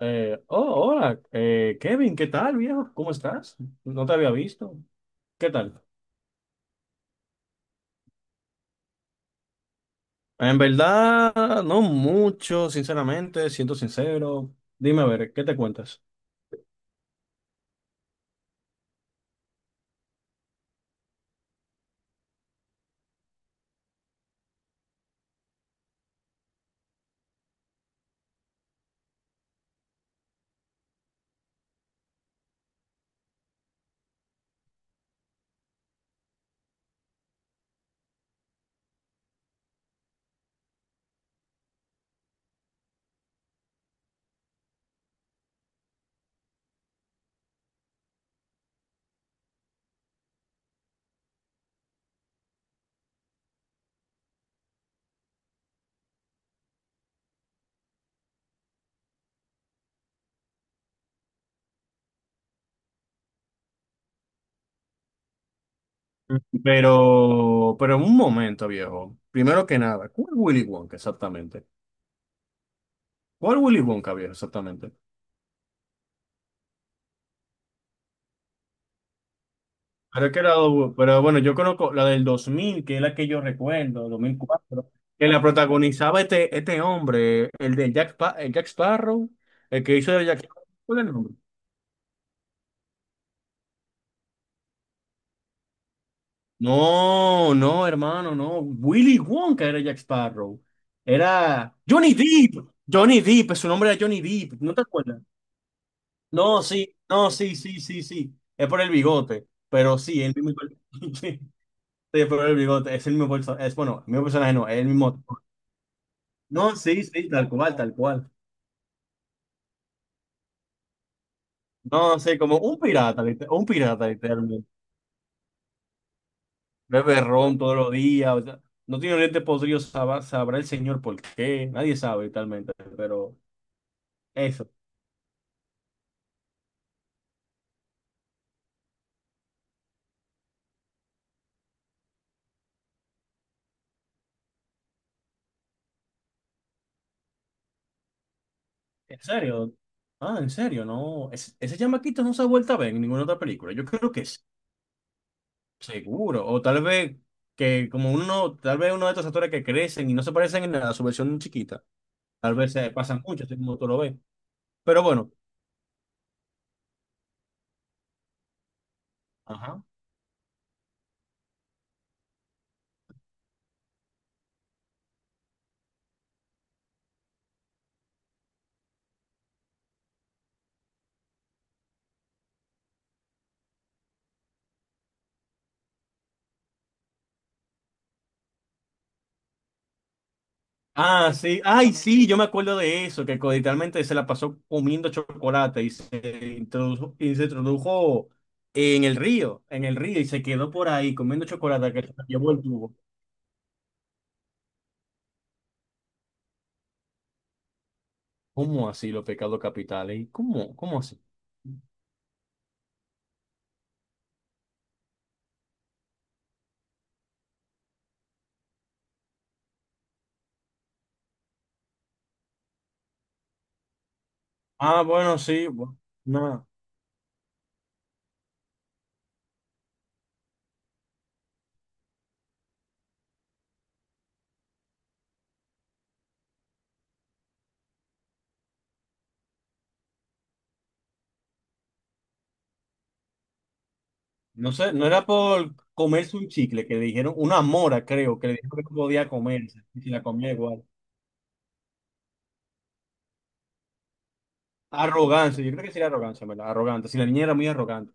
Oh, Hola, Kevin, ¿qué tal, viejo? ¿Cómo estás? No te había visto. ¿Qué tal? En verdad, no mucho, sinceramente, siento sincero. Dime a ver, ¿qué te cuentas? Mm. Pero en un momento, viejo. Primero que nada, ¿cuál Willy Wonka exactamente? ¿Cuál Willy Wonka, viejo, exactamente? Pero, es que la pero bueno, yo conozco la del 2000, que es la que yo recuerdo, 2004, que la protagonizaba este hombre, el de Jack, el Jack Sparrow, el que hizo de Jack Sparrow. ¿Cuál es el nombre? No, no, hermano, no. Willy Wonka era Jack Sparrow. Era Johnny Depp. Johnny Depp, su nombre era Johnny Depp. ¿No te acuerdas? No, sí, no, sí, sí, sí, sí. Es por el bigote, pero sí, el mismo. Sí, es el bigote, es el mismo personaje. Es, bueno, el mismo personaje no, es el mismo. No, sí, sí, tal cual, tal cual. No, sé, como un pirata, un pirata literalmente. Bebe ron todos los días, o sea, no tiene dientes podridos, sabrá el señor por qué, nadie sabe literalmente, pero eso. En serio, ah, en serio, no. Ese chamaquito no se ha vuelto a ver en ninguna otra película, yo creo que sí, seguro, o tal vez que como uno, tal vez uno de estos actores que crecen y no se parecen en nada, a su versión chiquita, tal vez se pasan mucho, así como tú lo ves, pero bueno. Ajá. Ah, sí. Ay, sí, yo me acuerdo de eso, que literalmente se la pasó comiendo chocolate y se introdujo en el río, y se quedó por ahí comiendo chocolate que se la llevó el tubo. ¿Cómo así los pecados capitales? ¿Cómo, cómo así? Ah, bueno, sí. No, no sé, no era por comerse un chicle que le dijeron, una mora, creo, que le dijeron que no podía comerse, y si la comía igual. Arrogancia, yo creo que sí era arrogancia, ¿verdad? Arrogante. Si la niña era muy arrogante.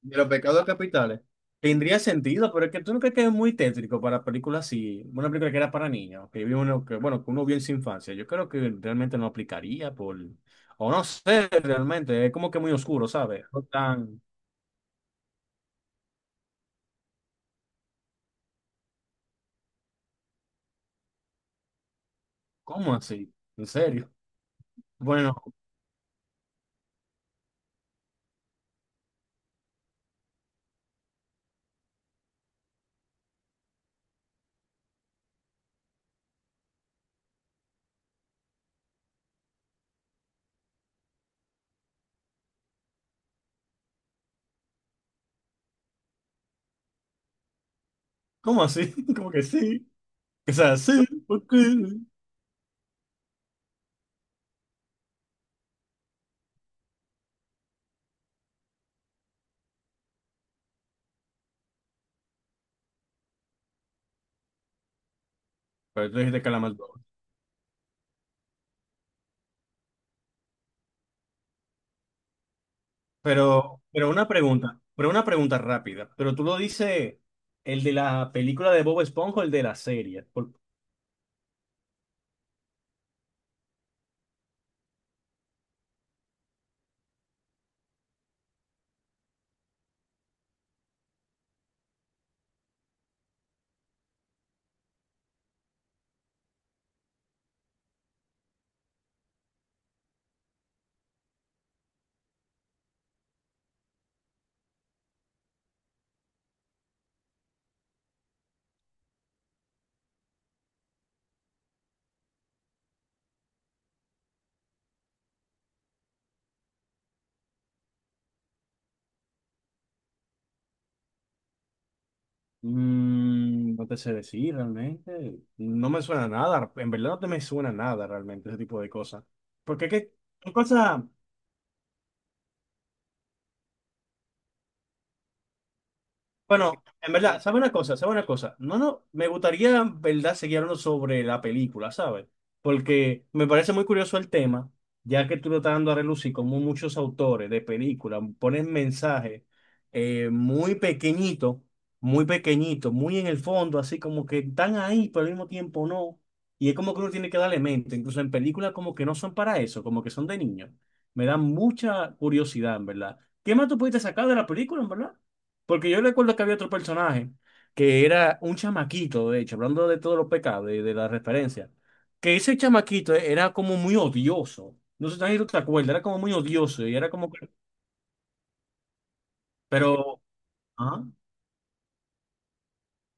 De los pecados capitales. Tendría sentido, pero es que tú no crees que es muy tétrico para películas así, una película que era para niños, que vio uno que, bueno, que uno vio en su infancia. Yo creo que realmente no aplicaría por, o no sé, realmente, es como que muy oscuro, ¿sabes? No tan, ¿cómo así? ¿En serio? Bueno, ¿cómo así? Como que sí, o sea, sí, ¿por qué? Pero tú dijiste Calamar Brothers. Pero una pregunta, una pregunta rápida. Pero tú lo dices, ¿el de la película de Bob Esponja o el de la serie? Mm, no te sé decir realmente. No me suena nada. En verdad no te me suena nada realmente ese tipo de cosas. Porque qué son cosas. Bueno, en verdad, ¿sabe una cosa? ¿Sabe una cosa? No, no, me gustaría, en verdad, seguir hablando sobre la película, ¿sabes? Porque me parece muy curioso el tema, ya que tú lo estás dando a relucir, como muchos autores de películas ponen mensajes muy pequeñitos, muy pequeñitos, muy en el fondo, así como que están ahí, pero al mismo tiempo no. Y es como que uno tiene que darle mente, incluso en películas como que no son para eso, como que son de niños. Me da mucha curiosidad, en verdad. ¿Qué más tú pudiste sacar de la película, en verdad? Porque yo recuerdo que había otro personaje que era un chamaquito, de hecho, hablando de todos los pecados, de la referencia, que ese chamaquito era como muy odioso. No sé si tú te acuerdas, era como muy odioso y era como, que- pero, ah,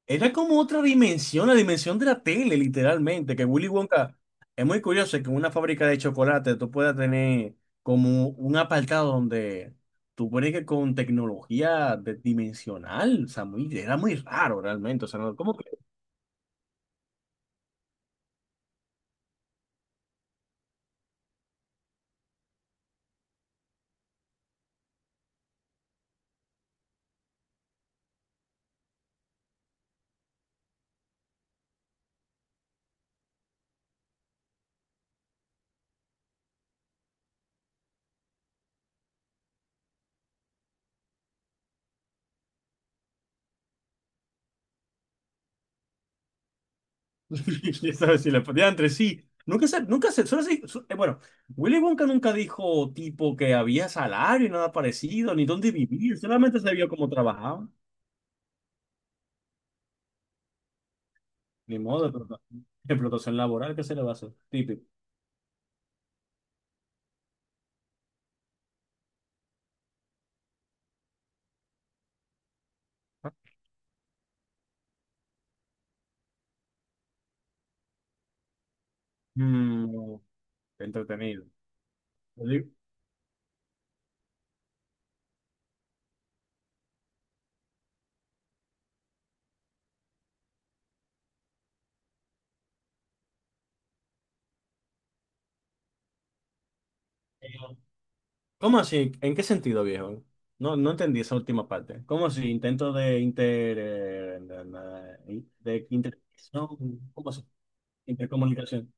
era como otra dimensión, la dimensión de la tele, literalmente, que Willy Wonka, es muy curioso que en una fábrica de chocolate tú puedas tener como un apartado donde tú pones que con tecnología dimensional, o sea, muy, era muy raro realmente, o sea, no- como que ya sabes, si la pateaba entre sí. Nunca se, nunca se, bueno, Willy Wonka nunca dijo tipo que había salario, nada parecido, ni dónde vivir, solamente se vio cómo trabajaba. Ni modo, explotación, explotación laboral, ¿qué se le va a hacer? Típico. Mm, entretenido. Yo digo, eh, ¿cómo así? ¿En qué sentido, viejo? No, no entendí esa última parte. ¿Cómo así? Intento de inter... de inter... no, ¿cómo así? Intercomunicación.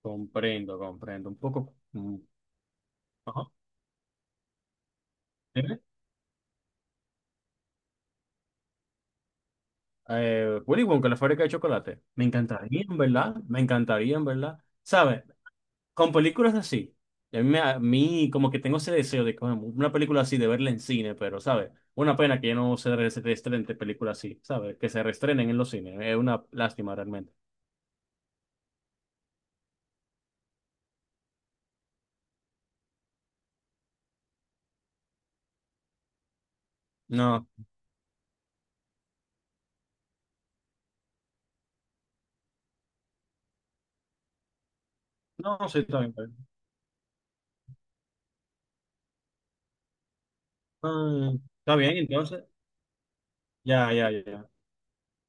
Comprendo, comprendo. Un poco. Ajá. Dime. Willy Wonka, la fábrica de chocolate. Me encantaría, en verdad. Me encantaría, en verdad. ¿Sabes? Con películas así. A mí, a mí como que tengo ese deseo de coño, una película así, de verla en cine, pero, ¿sabes? Una pena que ya no se se reestrenen películas así, ¿sabes? Que se reestrenen en los cines. Es una lástima realmente. No, no, sí, está bien. Está bien. Ah, está bien, entonces. Ya, ya, ya.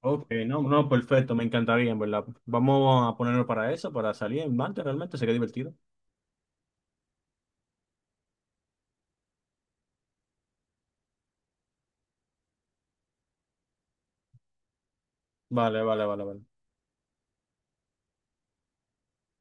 Ok, no, no, perfecto, me encantaría, en verdad. Vamos a ponernos para eso, para salir en Mante, realmente sería divertido. Vale, vale, vale, vale.